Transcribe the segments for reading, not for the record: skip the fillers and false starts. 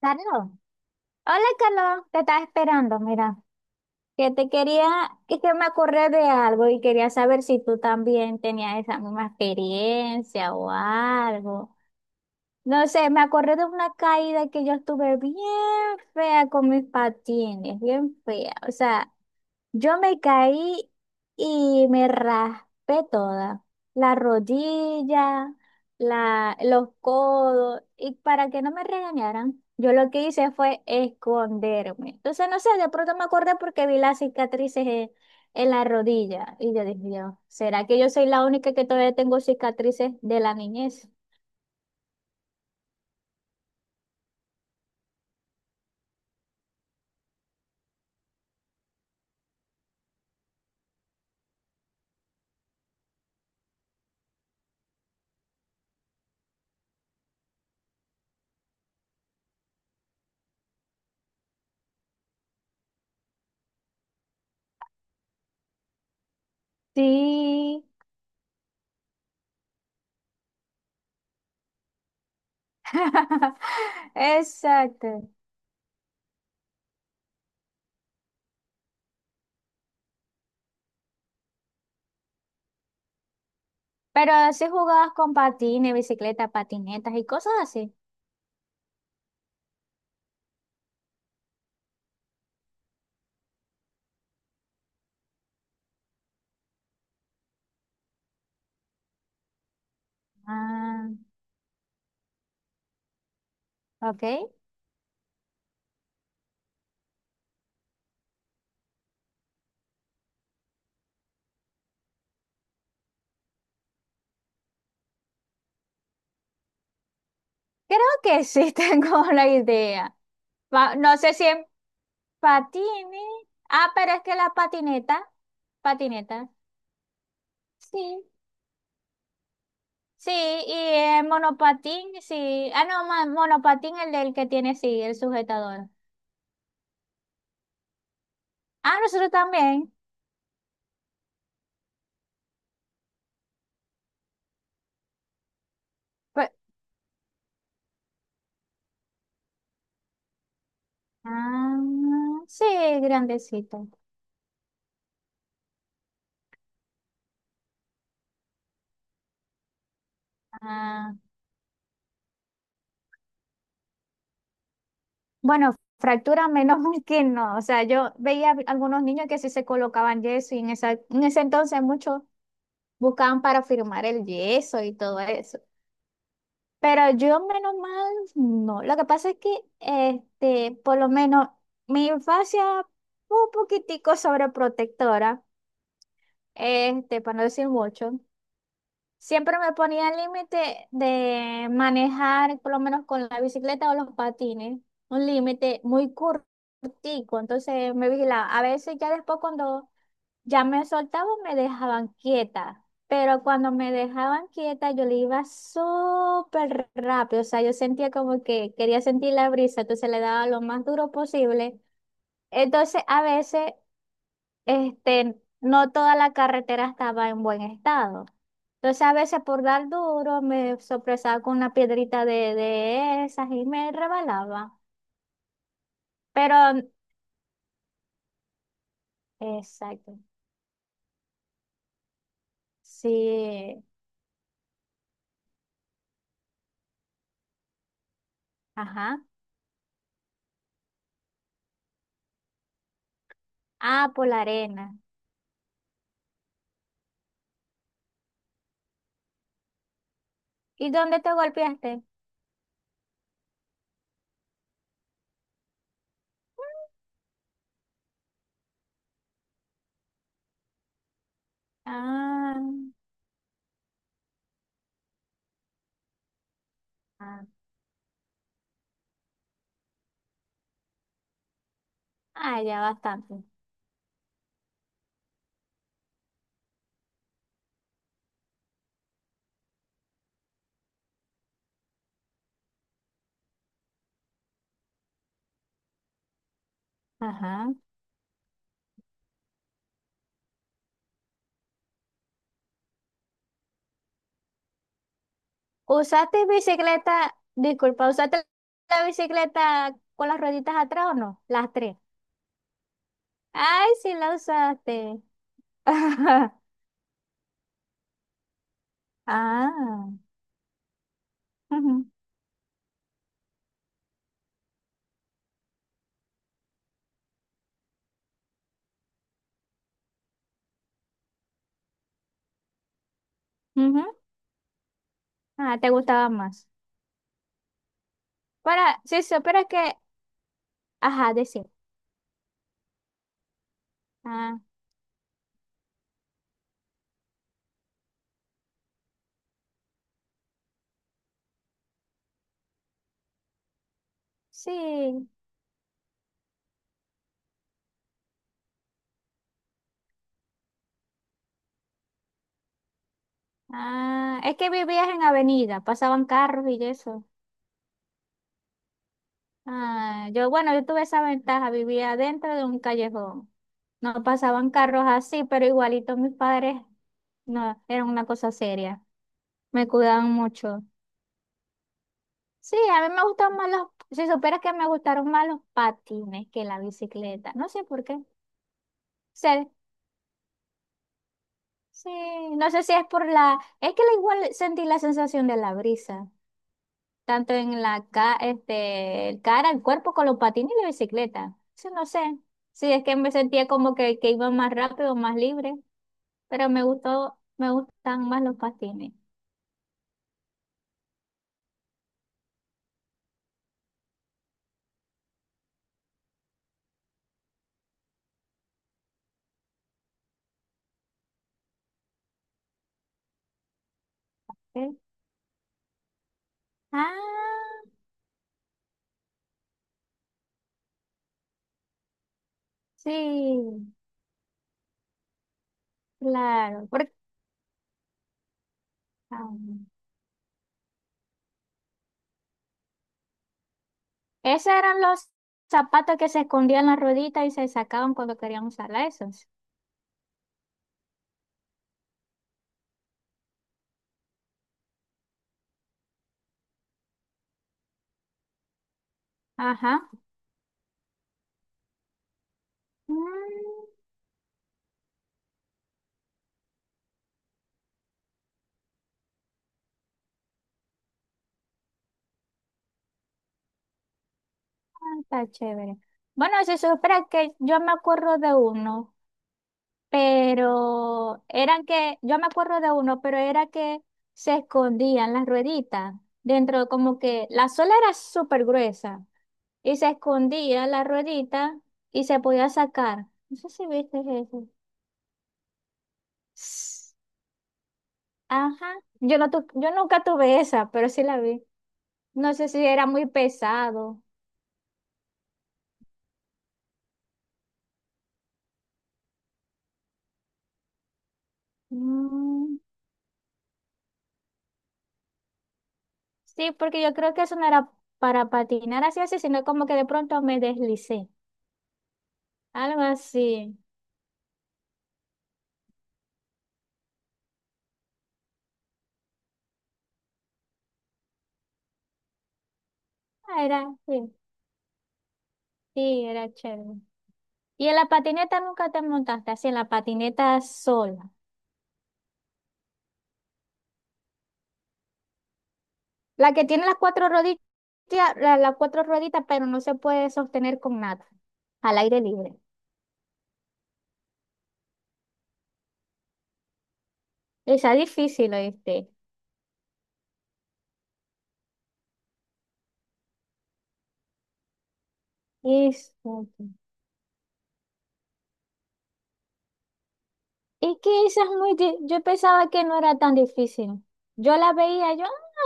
Carlos, hola Carlos, te estaba esperando, mira, que te quería, que me acordé de algo y quería saber si tú también tenías esa misma experiencia o algo. No sé, me acordé de una caída que yo estuve bien fea con mis patines, bien fea. O sea, yo me caí y me raspé toda, la rodilla, los codos, y para que no me regañaran, yo lo que hice fue esconderme. Entonces, no sé, de pronto me acordé porque vi las cicatrices en la rodilla y yo dije, Dios, ¿será que yo soy la única que todavía tengo cicatrices de la niñez? Sí, exacto. Pero si jugabas con patines, bicicletas, patinetas y cosas así. Ah, ok. Creo que sí tengo la idea. No sé si en patines. Ah, pero es que la patineta. Patineta. Sí. Sí, y el monopatín, sí. Ah, no, monopatín el del que tiene, sí, el sujetador. Ah, nosotros también. Pe- ah, sí, grandecito. Ah, bueno, fractura menos mal que no. O sea, yo veía algunos niños que sí se colocaban yeso y en ese entonces mucho. Buscaban para firmar el yeso y todo eso. Pero yo, menos mal, no. Lo que pasa es que, por lo menos, mi infancia fue un poquitico sobreprotectora, para no decir mucho. Siempre me ponía el límite de manejar, por lo menos con la bicicleta o los patines, un límite muy cortico. Entonces me vigilaba. A veces ya después cuando ya me soltaban me dejaban quieta, pero cuando me dejaban quieta yo le iba súper rápido, o sea, yo sentía como que quería sentir la brisa, entonces le daba lo más duro posible. Entonces, a veces, no toda la carretera estaba en buen estado. Entonces, a veces por dar duro me sorpresaba con una piedrita de esas y me rebalaba. Pero, exacto, sí, ajá, ah, por la arena. ¿Y dónde te golpeaste? Ah, ah, ah, ya bastante. Ajá. ¿Usaste bicicleta? Disculpa, ¿usaste la bicicleta con las rueditas atrás o no? Las tres. Ay, sí la usaste. Ah, ujú, ujú. Ah, te gustaba más. Para, sí, sí, pero es que, ajá, decir. Ah, sí. Ah, es que vivías en avenida, pasaban carros y eso. Ah, yo, bueno, yo tuve esa ventaja, vivía dentro de un callejón. No pasaban carros así, pero igualito mis padres no, eran una cosa seria. Me cuidaban mucho. Sí, a mí me gustan más los, si supieras que me gustaron más los patines que la bicicleta. No sé por qué. Sé- sí, no sé si es por la, es que la igual sentí la sensación de la brisa, tanto en la ca, el cara, el cuerpo con los patines y la bicicleta. Sí, no sé. Sí, es que me sentía como que iba más rápido, más libre. Pero me gustó, me gustan más los patines. ¿Ok? Ah, sí, claro. Porque, ah, esos eran los zapatos que se escondían en la ruedita y se sacaban cuando querían usar esos. Ajá. Mm, ah, está chévere. Bueno, se supone que yo me acuerdo de uno, pero eran que, yo me acuerdo de uno, pero era que se escondían las rueditas dentro, como que la suela era súper gruesa. Y se escondía la ruedita y se podía sacar. No sé si viste eso. S- Ajá. Yo, yo nunca tuve esa, pero sí la vi. No sé si era muy pesado. Mm, sí, porque yo creo que eso no era para patinar así, así, sino como que de pronto me deslicé. Algo así. Ah, era, sí, sí, era chévere. ¿Y en la patineta nunca te montaste así, en la patineta sol? La que tiene las cuatro rodillas, las cuatro rueditas, pero no se puede sostener con nada, al aire libre. Esa es difícil, ¿oíste? Es, es que esa es muy... Yo pensaba que no era tan difícil. Yo la veía, yo,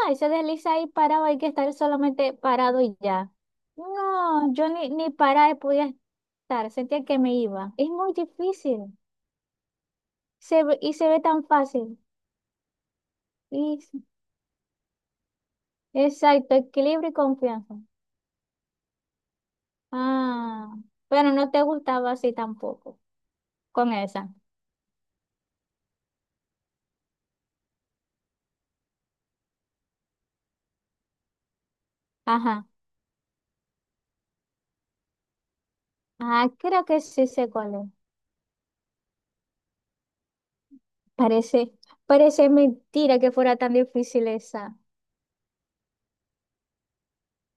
ah, se desliza ahí parado, hay que estar solamente parado y ya. No, yo ni parada podía estar, sentía que me iba. Es muy difícil y se ve tan fácil. Y- exacto, equilibrio y confianza. Ah, bueno no te gustaba así tampoco, con esa. Ajá. Ah, creo que sí sé cuál es. Parece, parece mentira que fuera tan difícil esa.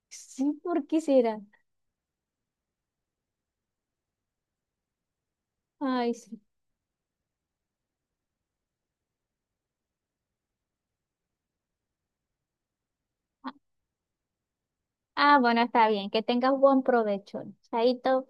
Sí, ¿por qué será? Ay, sí. Ah, bueno, está bien. Que tengas buen provecho. Chaito.